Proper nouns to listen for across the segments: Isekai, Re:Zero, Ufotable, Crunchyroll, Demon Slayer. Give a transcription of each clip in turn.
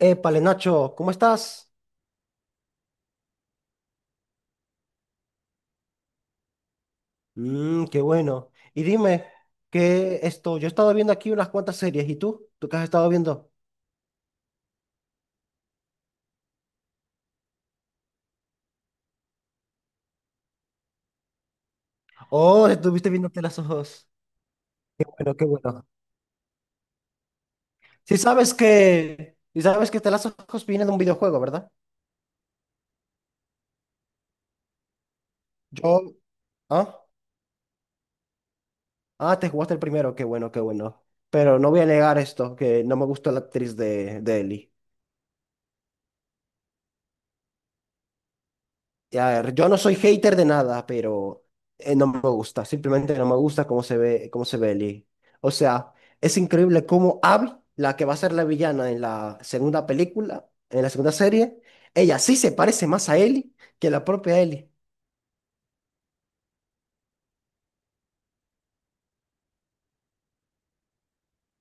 Épale, Nacho, ¿cómo estás? Mmm, qué bueno. Y dime, ¿qué esto? Yo he estado viendo aquí unas cuantas series, ¿y tú? ¿Tú qué has estado viendo? Oh, estuviste viéndote las ojos. Bueno, qué bueno. Si sabes que te las ojos viene de un videojuego, ¿verdad? Yo, ¿ah? Ah, te jugaste el primero, qué bueno, qué bueno. Pero no voy a negar esto, que no me gustó la actriz de Ellie. A ver, yo no soy hater de nada, pero no me gusta. Simplemente no me gusta cómo se ve Ellie. O sea, es increíble cómo Abby, la que va a ser la villana en la segunda película, en la segunda serie, ella sí se parece más a Ellie que la propia Ellie.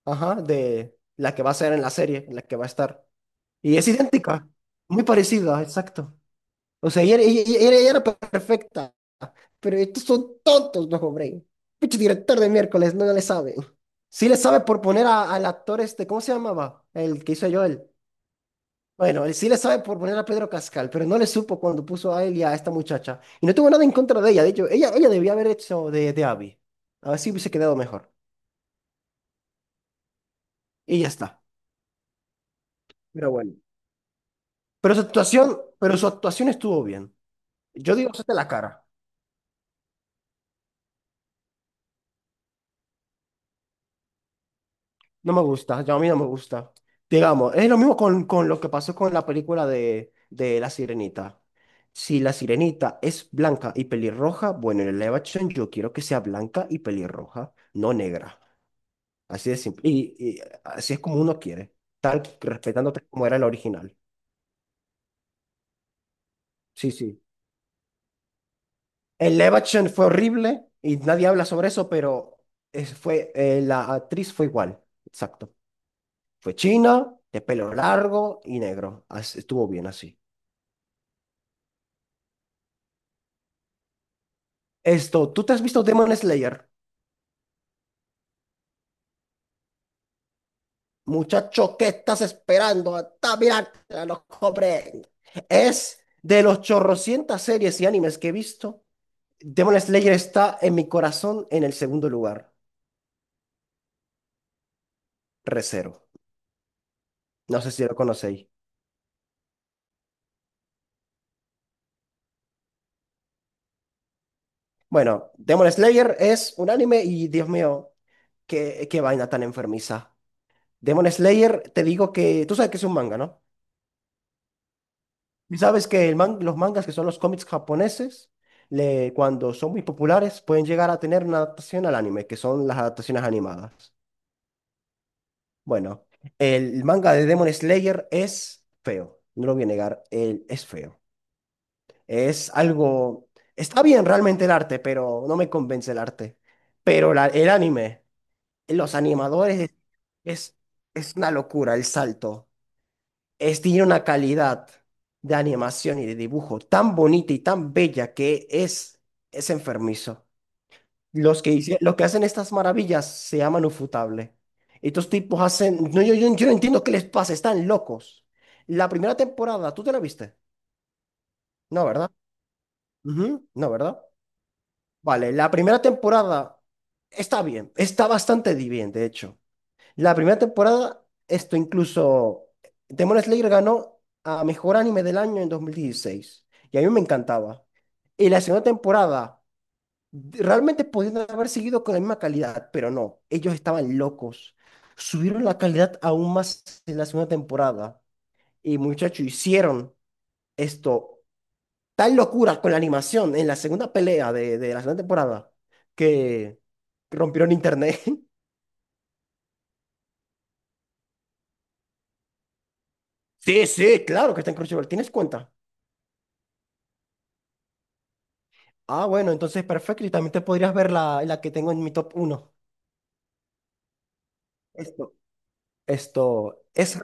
Ajá, de la que va a ser en la serie, en la que va a estar. Y es idéntica, muy parecida, exacto. O sea, ella era perfecta, pero estos son tontos los hombres. Pinche director de miércoles, no, no le sabe. Sí le sabe por poner al actor este, ¿cómo se llamaba? El que hizo a Joel. Bueno, él sí le sabe por poner a Pedro Cascal, pero no le supo cuando puso a él y a esta muchacha. Y no tuvo nada en contra de ella, de hecho, ella debía haber hecho de Abby. A ver si hubiese quedado mejor. Y ya está. Pero bueno. Pero su actuación estuvo bien. Yo digo, es de la cara. No me gusta, yo a mí no me gusta. Digamos, es lo mismo con lo que pasó con la película de La Sirenita. Si La Sirenita es blanca y pelirroja, bueno, en el live action yo quiero que sea blanca y pelirroja, no negra. Así de simple. Y así es como uno quiere, tan respetándote como era el original. Sí, sí. El live action fue horrible y nadie habla sobre eso, pero fue, la actriz fue igual. Exacto. Fue china, de pelo largo y negro. Estuvo bien así. Esto, ¿tú te has visto Demon Slayer? Muchacho, ¿qué estás esperando? Hasta mirar, a los cobren. Es de los chorrocientas series y animes que he visto. Demon Slayer está en mi corazón en el segundo lugar. Recero. No sé si lo conocéis. Bueno, Demon Slayer es un anime y Dios mío, qué vaina tan enfermiza. Demon Slayer, te digo que tú sabes que es un manga, ¿no? Y sabes que los mangas, que son los cómics japoneses, le, cuando son muy populares, pueden llegar a tener una adaptación al anime, que son las adaptaciones animadas. Bueno, el manga de Demon Slayer es feo, no lo voy a negar, él es feo. Es algo… Está bien realmente el arte, pero no me convence el arte. Pero el anime, los animadores, es, es una locura el salto. Es, tiene una calidad de animación y de dibujo tan bonita y tan bella que es enfermizo. Los que, los que hacen estas maravillas se llaman Ufotable. Estos tipos hacen… No, yo no entiendo qué les pasa, están locos. La primera temporada, ¿tú te la viste? No, ¿verdad? Ujú, no, ¿verdad? Vale, la primera temporada está bien, está bastante bien, de hecho. La primera temporada, esto incluso, Demon Slayer ganó a Mejor Anime del Año en 2016 y a mí me encantaba. Y la segunda temporada, realmente podían haber seguido con la misma calidad, pero no, ellos estaban locos. Subieron la calidad aún más en la segunda temporada y muchachos hicieron esto, tal locura con la animación en la segunda pelea de la segunda temporada que rompieron internet. Sí, sí, claro que está en Crunchyroll, ¿tienes cuenta? Ah, bueno, entonces perfecto. Y también te podrías ver la que tengo en mi top uno. Esto, esto, es,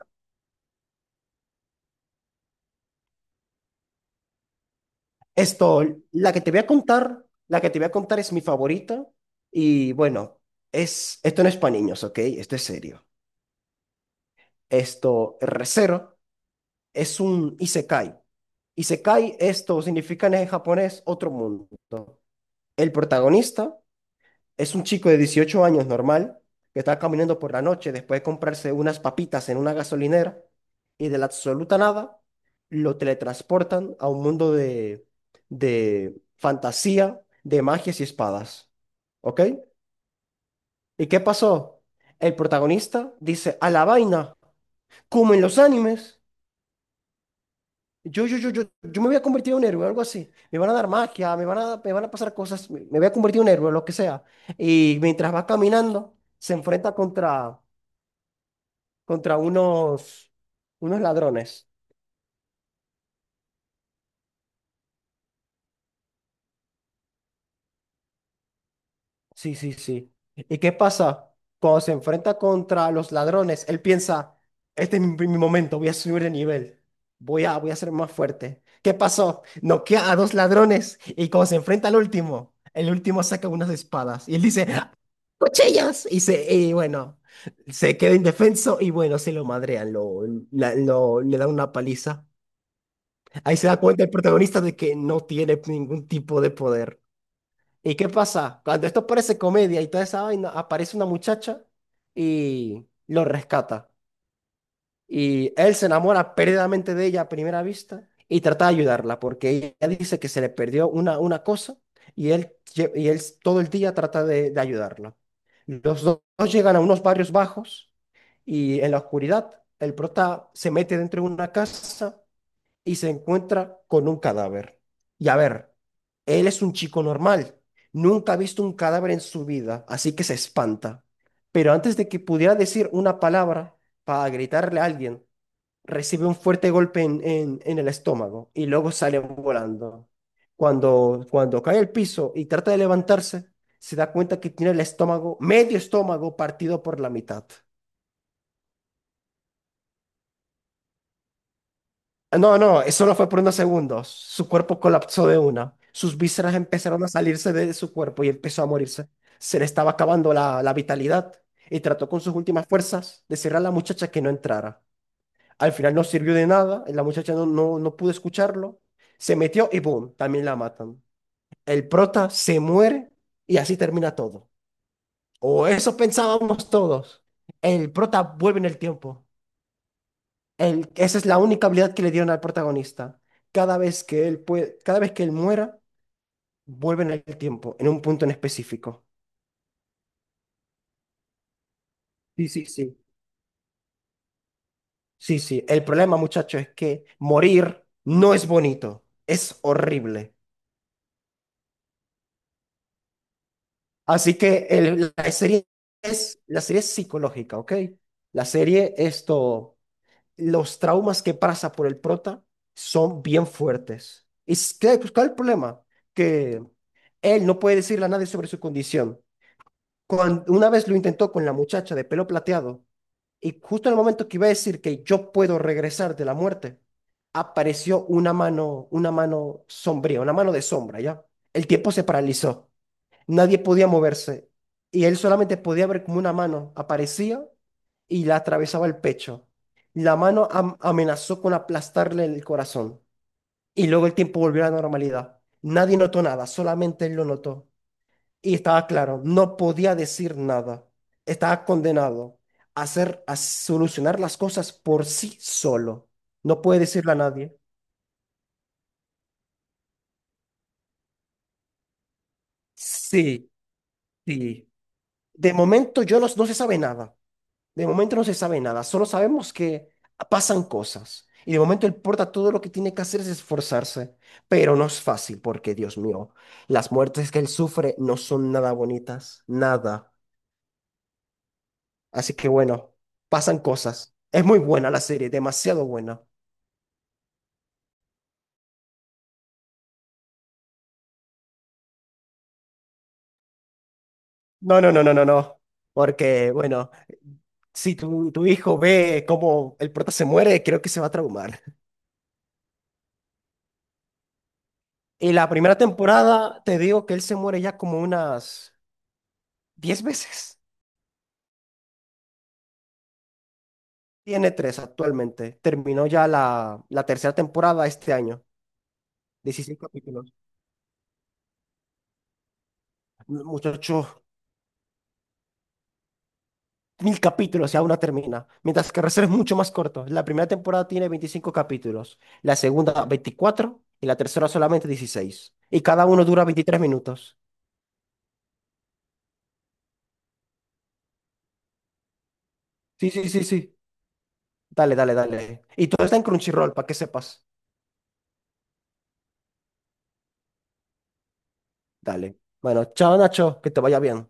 esto, la que te voy a contar, la que te voy a contar es mi favorita. Y bueno, es, esto no es para niños, ¿ok? Esto es serio. Esto, Re:Zero, es un isekai. Isekai, esto significa en japonés otro mundo. El protagonista es un chico de 18 años normal que está caminando por la noche después de comprarse unas papitas en una gasolinera y de la absoluta nada lo teletransportan a un mundo de fantasía, de magias y espadas. ¿Ok? ¿Y qué pasó? El protagonista dice, a la vaina, como en los animes. Yo me voy a convertir en un héroe, algo así. Me van a dar magia, me van a pasar cosas, me voy a convertir en un héroe, lo que sea. Y mientras va caminando, se enfrenta contra unos, unos ladrones. Sí, sí, sí. ¿Y qué pasa? Cuando se enfrenta contra los ladrones, él piensa, este es mi momento, voy a subir de nivel, voy a ser más fuerte. ¿Qué pasó? Noquea a dos ladrones y cuando se enfrenta al último, el último saca unas espadas y él dice, "¡Ah! ¡Cuchillas!" Y, se, y bueno, se queda indefenso y bueno, se lo madrean, lo, le dan una paliza. Ahí se da cuenta el protagonista de que no tiene ningún tipo de poder. ¿Y qué pasa? Cuando esto parece comedia y toda esa vaina, aparece una muchacha y lo rescata. Y él se enamora perdidamente de ella a primera vista y trata de ayudarla porque ella dice que se le perdió una cosa y él, y él todo el día trata de ayudarla. Dos llegan a unos barrios bajos y en la oscuridad el prota se mete dentro de una casa y se encuentra con un cadáver. Y a ver, él es un chico normal, nunca ha visto un cadáver en su vida, así que se espanta. Pero antes de que pudiera decir una palabra para gritarle a alguien, recibe un fuerte golpe en el estómago y luego sale volando. Cuando cae al piso y trata de levantarse, se da cuenta que tiene el estómago, medio estómago partido por la mitad. No, no, eso no fue por unos segundos. Su cuerpo colapsó de una. Sus vísceras empezaron a salirse de su cuerpo y empezó a morirse. Se le estaba acabando la vitalidad y trató con sus últimas fuerzas de decirle a la muchacha que no entrara. Al final no sirvió de nada, la muchacha no pudo escucharlo. Se metió y boom, también la matan. El prota se muere y así termina todo. O eso pensábamos todos. El prota vuelve en el tiempo, esa es la única habilidad que le dieron al protagonista. Cada vez que él puede, cada vez que él muera, vuelve en el tiempo, en un punto en específico. Sí, sí, sí. Sí, sí. El problema, muchacho, es que morir no es bonito, es horrible. Así que la serie es psicológica, ¿ok? La serie, esto, los traumas que pasa por el prota son bien fuertes. ¿Y pues, cuál es el problema? Que él no puede decirle a nadie sobre su condición. Cuando una vez lo intentó con la muchacha de pelo plateado, y justo en el momento que iba a decir que yo puedo regresar de la muerte, apareció una mano sombría, una mano de sombra, ¿ya? El tiempo se paralizó, nadie podía moverse, y él solamente podía ver como una mano aparecía y la atravesaba el pecho. La mano amenazó con aplastarle el corazón, y luego el tiempo volvió a la normalidad. Nadie notó nada, solamente él lo notó. Y estaba claro, no podía decir nada. Estaba condenado a hacer, a solucionar las cosas por sí solo. No puede decirle a nadie. Sí, sí. De momento yo no, no se sabe nada. De momento no se sabe nada. Solo sabemos que pasan cosas. Y de momento él porta todo lo que tiene que hacer es esforzarse. Pero no es fácil porque, Dios mío, las muertes que él sufre no son nada bonitas. Nada. Así que bueno, pasan cosas. Es muy buena la serie, demasiado buena. No, no, no, no, no, no. Porque, bueno, si tu hijo ve cómo el prota se muere, creo que se va a traumar. Y la primera temporada, te digo que él se muere ya como unas 10 veces. Tiene tres actualmente. Terminó ya la tercera temporada este año. 16 capítulos. Muchacho, 1.000 capítulos y aún no termina. Mientras que Reserva es mucho más corto. La primera temporada tiene 25 capítulos. La segunda, 24. Y la tercera solamente 16. Y cada uno dura 23 minutos. Sí, sí, sí, sí. Dale, dale, dale. Y todo está en Crunchyroll, para que sepas. Dale. Bueno, chao Nacho, que te vaya bien.